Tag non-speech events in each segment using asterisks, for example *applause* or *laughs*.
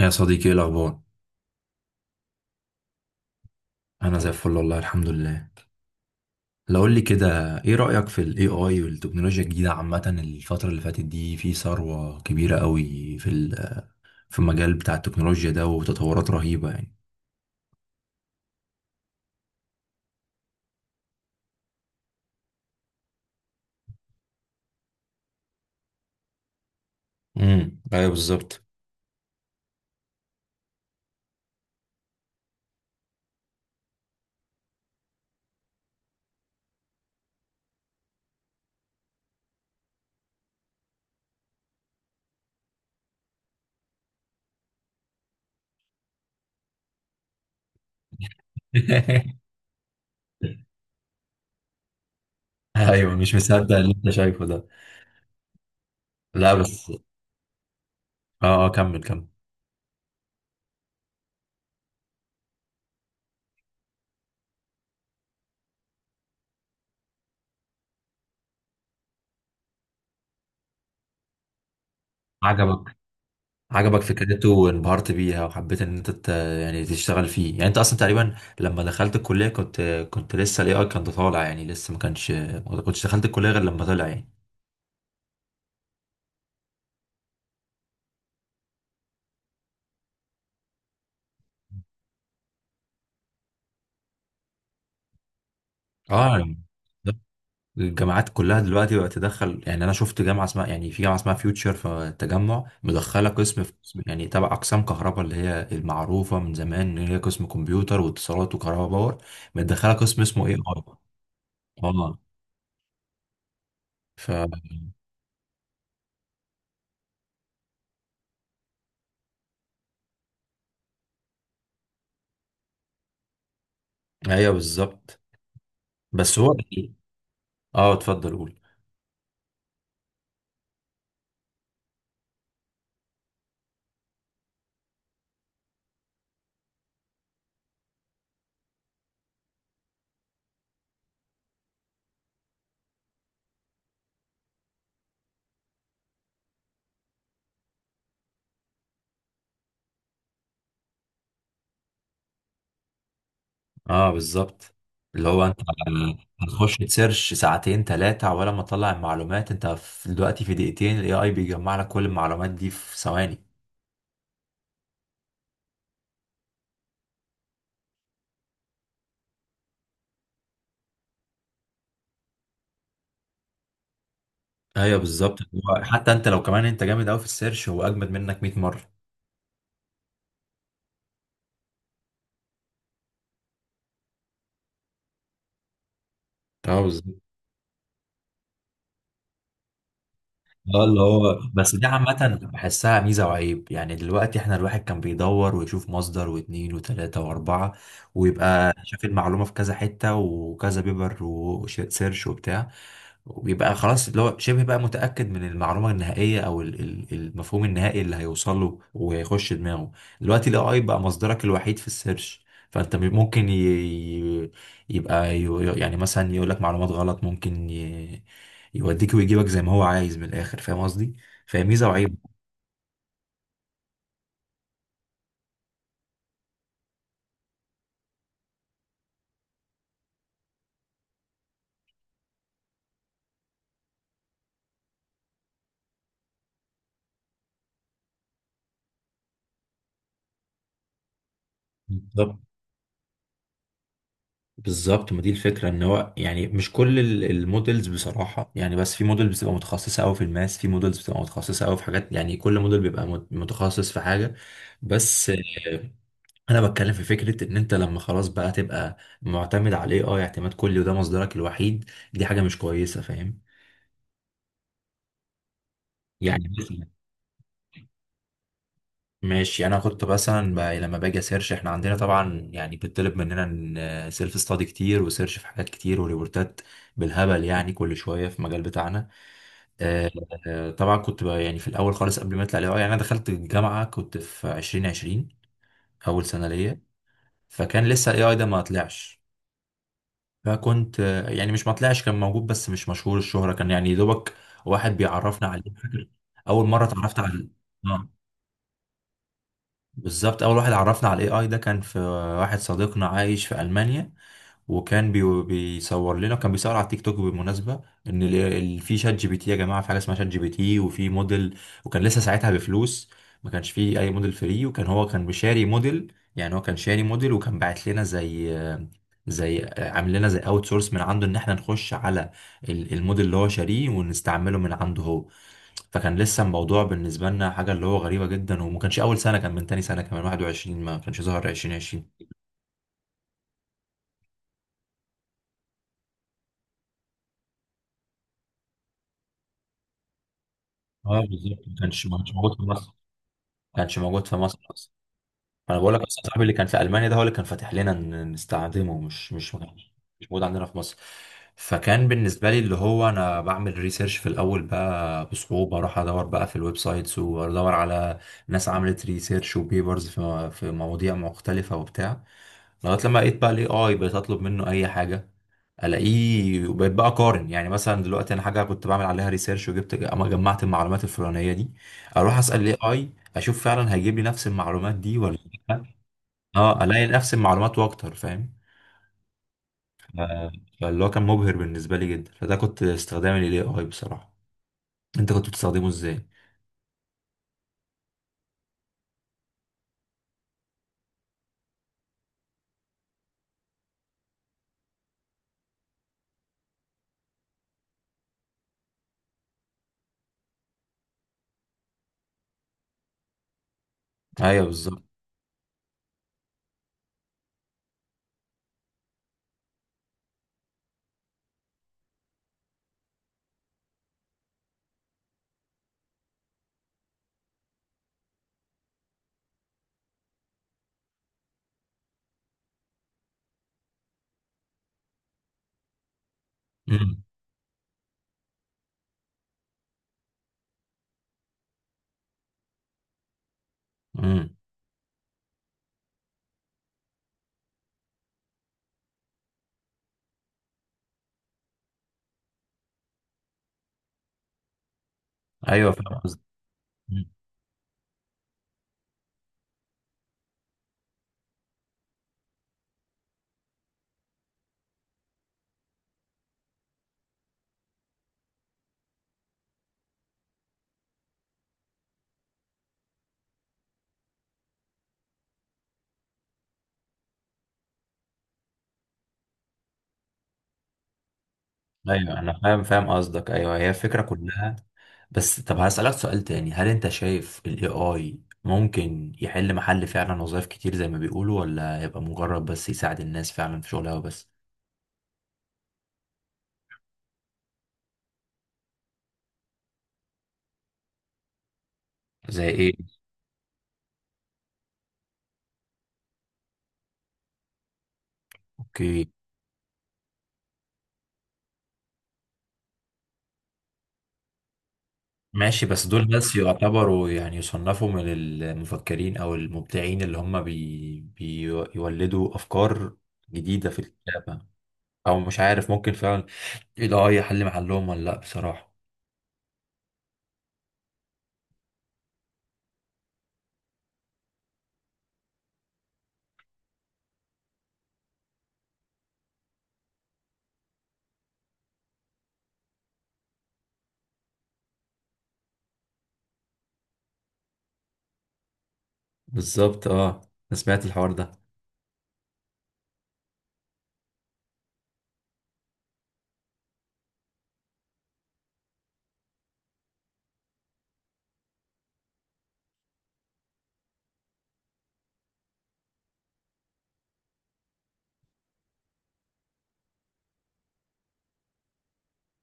يا صديقي، ايه الاخبار؟ انا زي الفل، والله الحمد لله. لو قول لي كده، ايه رايك في الاي اي والتكنولوجيا الجديده عامه؟ الفتره اللي فاتت دي، في ثروه كبيره قوي في في المجال بتاع التكنولوجيا ده، وتطورات رهيبه يعني. ايوه، بالظبط. *laughs* ايوه، مش مصدق اللي انت شايفه ده. لا بس، اه، كمل كمل. عجبك، عجبك فكرته وانبهرت بيها وحبيت ان انت يعني تشتغل فيه. يعني انت اصلا تقريبا لما دخلت الكلية كنت، كنت لسه الاي اي كان طالع، يعني لسه ما كانش، ما كنتش دخلت الكلية غير لما طلع يعني. اه يعني، الجامعات كلها دلوقتي بقت تدخل يعني. انا شفت جامعة اسمها، يعني في جامعة اسمها فيوتشر في التجمع، مدخلة قسم، في قسم يعني تبع اقسام كهرباء، اللي هي المعروفة من زمان ان هي قسم كمبيوتر واتصالات وكهرباء باور، مدخلة قسم اسمه اي اي. اه ف، ايوه بالظبط. بس هو يعني، اه، اتفضل قول. اه بالظبط، اللي هو انت هتخش تسيرش ساعتين ثلاثة ولا ما تطلع المعلومات، انت في دلوقتي في دقيقتين الاي اي بيجمع لك كل المعلومات دي في ثواني. ايوه بالظبط، هو حتى انت لو كمان انت جامد قوي في السيرش، هو اجمد منك 100 مرة. اه بالظبط. اه اللي هو، بس دي عامة بحسها ميزة وعيب يعني. دلوقتي احنا الواحد كان بيدور ويشوف مصدر واتنين وتلاتة واربعة، ويبقى شاف المعلومة في كذا حتة وكذا بيبر وسيرش وبتاع، وبيبقى خلاص اللي هو شبه بقى متأكد من المعلومة النهائية، أو المفهوم النهائي اللي هيوصل له وهيخش دماغه. دلوقتي ال AI بقى مصدرك الوحيد في السيرش. فأنت م- ممكن ي... ي- يبقى ي... يعني مثلا يقول لك معلومات غلط، ممكن يوديك ويجيبك زي ما هو عايز من الآخر، فاهم قصدي؟ فهي ميزة وعيب. بالظبط، بالظبط. ما دي الفكره، ان هو يعني مش كل المودلز، بصراحه يعني، بس في موديل بتبقى متخصصه قوي في الماس، في موديلز بتبقى متخصصه قوي في حاجات، يعني كل موديل بيبقى متخصص في حاجه. بس آه، انا بتكلم في فكره ان انت لما خلاص بقى تبقى معتمد على الاي اي اعتماد كلي، وده مصدرك الوحيد، دي حاجه مش كويسه، فاهم. يعني مثلا، ماشي، انا كنت مثلا لما باجي اسيرش، احنا عندنا طبعا يعني بتطلب مننا سيلف ستادي كتير وسيرش في حاجات كتير وريبورتات بالهبل يعني، كل شويه في المجال بتاعنا. آه، آه، طبعا كنت بقى يعني في الاول خالص قبل ما يطلع الاي اي، يعني انا دخلت الجامعه كنت في 2020، اول سنه ليا. فكان لسه الاي اي ده ما طلعش. فكنت آه، يعني مش ما طلعش، كان موجود بس مش مشهور الشهره، كان يعني يا دوبك واحد بيعرفنا عليه. فاكر اول مره اتعرفت على، اه، بالظبط. اول واحد عرفنا على الاي اي ده كان في، واحد صديقنا عايش في المانيا، وكان بيصور لنا، كان بيصور على التيك توك بالمناسبه ان في شات جي بي تي، يا جماعه في حاجه اسمها شات جي بي تي وفي موديل. وكان لسه ساعتها بفلوس، ما كانش فيه اي موديل فري، وكان هو كان بشاري موديل، يعني هو كان شاري موديل، وكان باعت لنا زي، زي عامل لنا زي اوت سورس من عنده، ان احنا نخش على الموديل اللي هو شاريه ونستعمله من عنده هو. فكان لسه الموضوع بالنسبه لنا حاجه اللي هو غريبه جدا، وما كانش اول سنه، كان من تاني سنه، كمان 21، ما كانش ظهر 2020. اه بالظبط، ما كانش موجود في مصر، كانش موجود في مصر اصلا. انا بقول لك اصلا صاحبي اللي كان في المانيا ده هو اللي كان فاتح لنا نستخدمه، مش موجود عندنا في مصر. فكان بالنسبه لي اللي هو انا بعمل ريسيرش في الاول بقى بصعوبه، اروح ادور بقى في الويب سايتس وادور على ناس عملت ريسيرش وبيبرز في في مواضيع مختلفه وبتاع. لغايه لما لقيت بقى الاي اي، بقيت اطلب منه اي حاجه الاقيه، وبقيت بقى اقارن. يعني مثلا دلوقتي انا حاجه كنت بعمل عليها ريسيرش وجبت، اما جمعت المعلومات الفلانيه دي اروح اسال الاي اي اشوف فعلا هيجيب لي نفس المعلومات دي ولا لأ. اه الاقي نفس المعلومات واكتر، فاهم. آه، فاللي هو كان مبهر بالنسبه لي جدا. فده كنت استخدام الاي اي بصراحه، انت كنت بتستخدمه ازاي؟ ايوه بالظبط. امم امم، ايوه فاهم قصدي. ايوه انا فاهم، فاهم قصدك، ايوه هي الفكره كلها. بس طب هسألك سؤال تاني: هل انت شايف ال AI ممكن يحل محل فعلا وظائف كتير زي ما بيقولوا، ولا هيبقى مجرد بس يساعد الناس فعلا في شغلها وبس؟ زي ايه؟ اوكي. ماشي، بس دول بس يعتبروا يعني يصنفوا من المفكرين او المبدعين اللي هم بيولدوا افكار جديدة في الكتابة. او مش عارف، ممكن فعلا ال AI يحل محلهم ولا لا، بصراحة. بالظبط. اه، انا سمعت الحوار ده.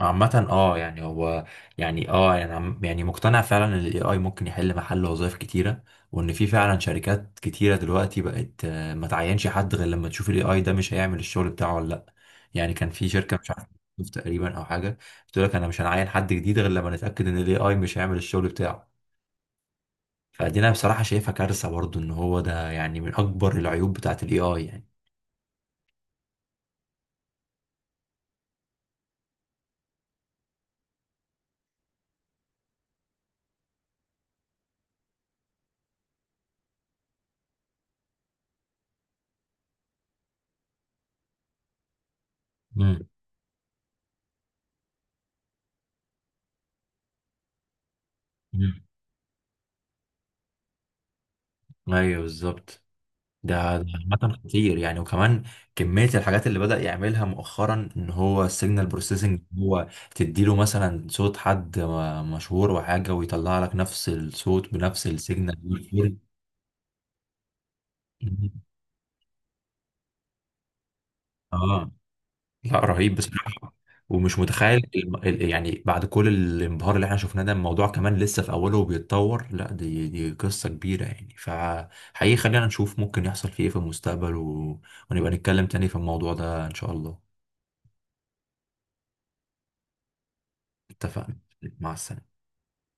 عامة اه يعني، هو يعني اه يعني يعني مقتنع فعلا ان الاي اي ممكن يحل محل وظائف كتيرة، وان في فعلا شركات كتيرة دلوقتي بقت آه، ما تعينش حد غير لما تشوف الاي اي ده مش هيعمل الشغل بتاعه ولا لا. يعني كان في شركة مش عارف تقريبا، او حاجة، بتقول لك انا مش هنعين حد جديد غير لما نتأكد ان الاي اي مش هيعمل الشغل بتاعه. فدي انا بصراحة شايفها كارثة برضو، ان هو ده يعني من اكبر العيوب بتاعت الاي اي يعني. امم ايوه بالظبط. ده عامة خطير يعني. وكمان كمية الحاجات اللي بدأ يعملها مؤخرا ان هو السيجنال بروسيسنج، هو تديله مثلا صوت حد مشهور وحاجة ويطلع لك نفس الصوت بنفس السيجنال. *laughs* اه، لا رهيب بصراحة. ومش متخيل يعني بعد كل الانبهار اللي احنا شفناه ده، الموضوع كمان لسه في اوله وبيتطور. لا دي قصة كبيرة يعني، فحقيقي خلينا نشوف ممكن يحصل فيه ايه في المستقبل، ونبقى نتكلم تاني في الموضوع ده ان شاء الله. اتفقنا، مع السلامة.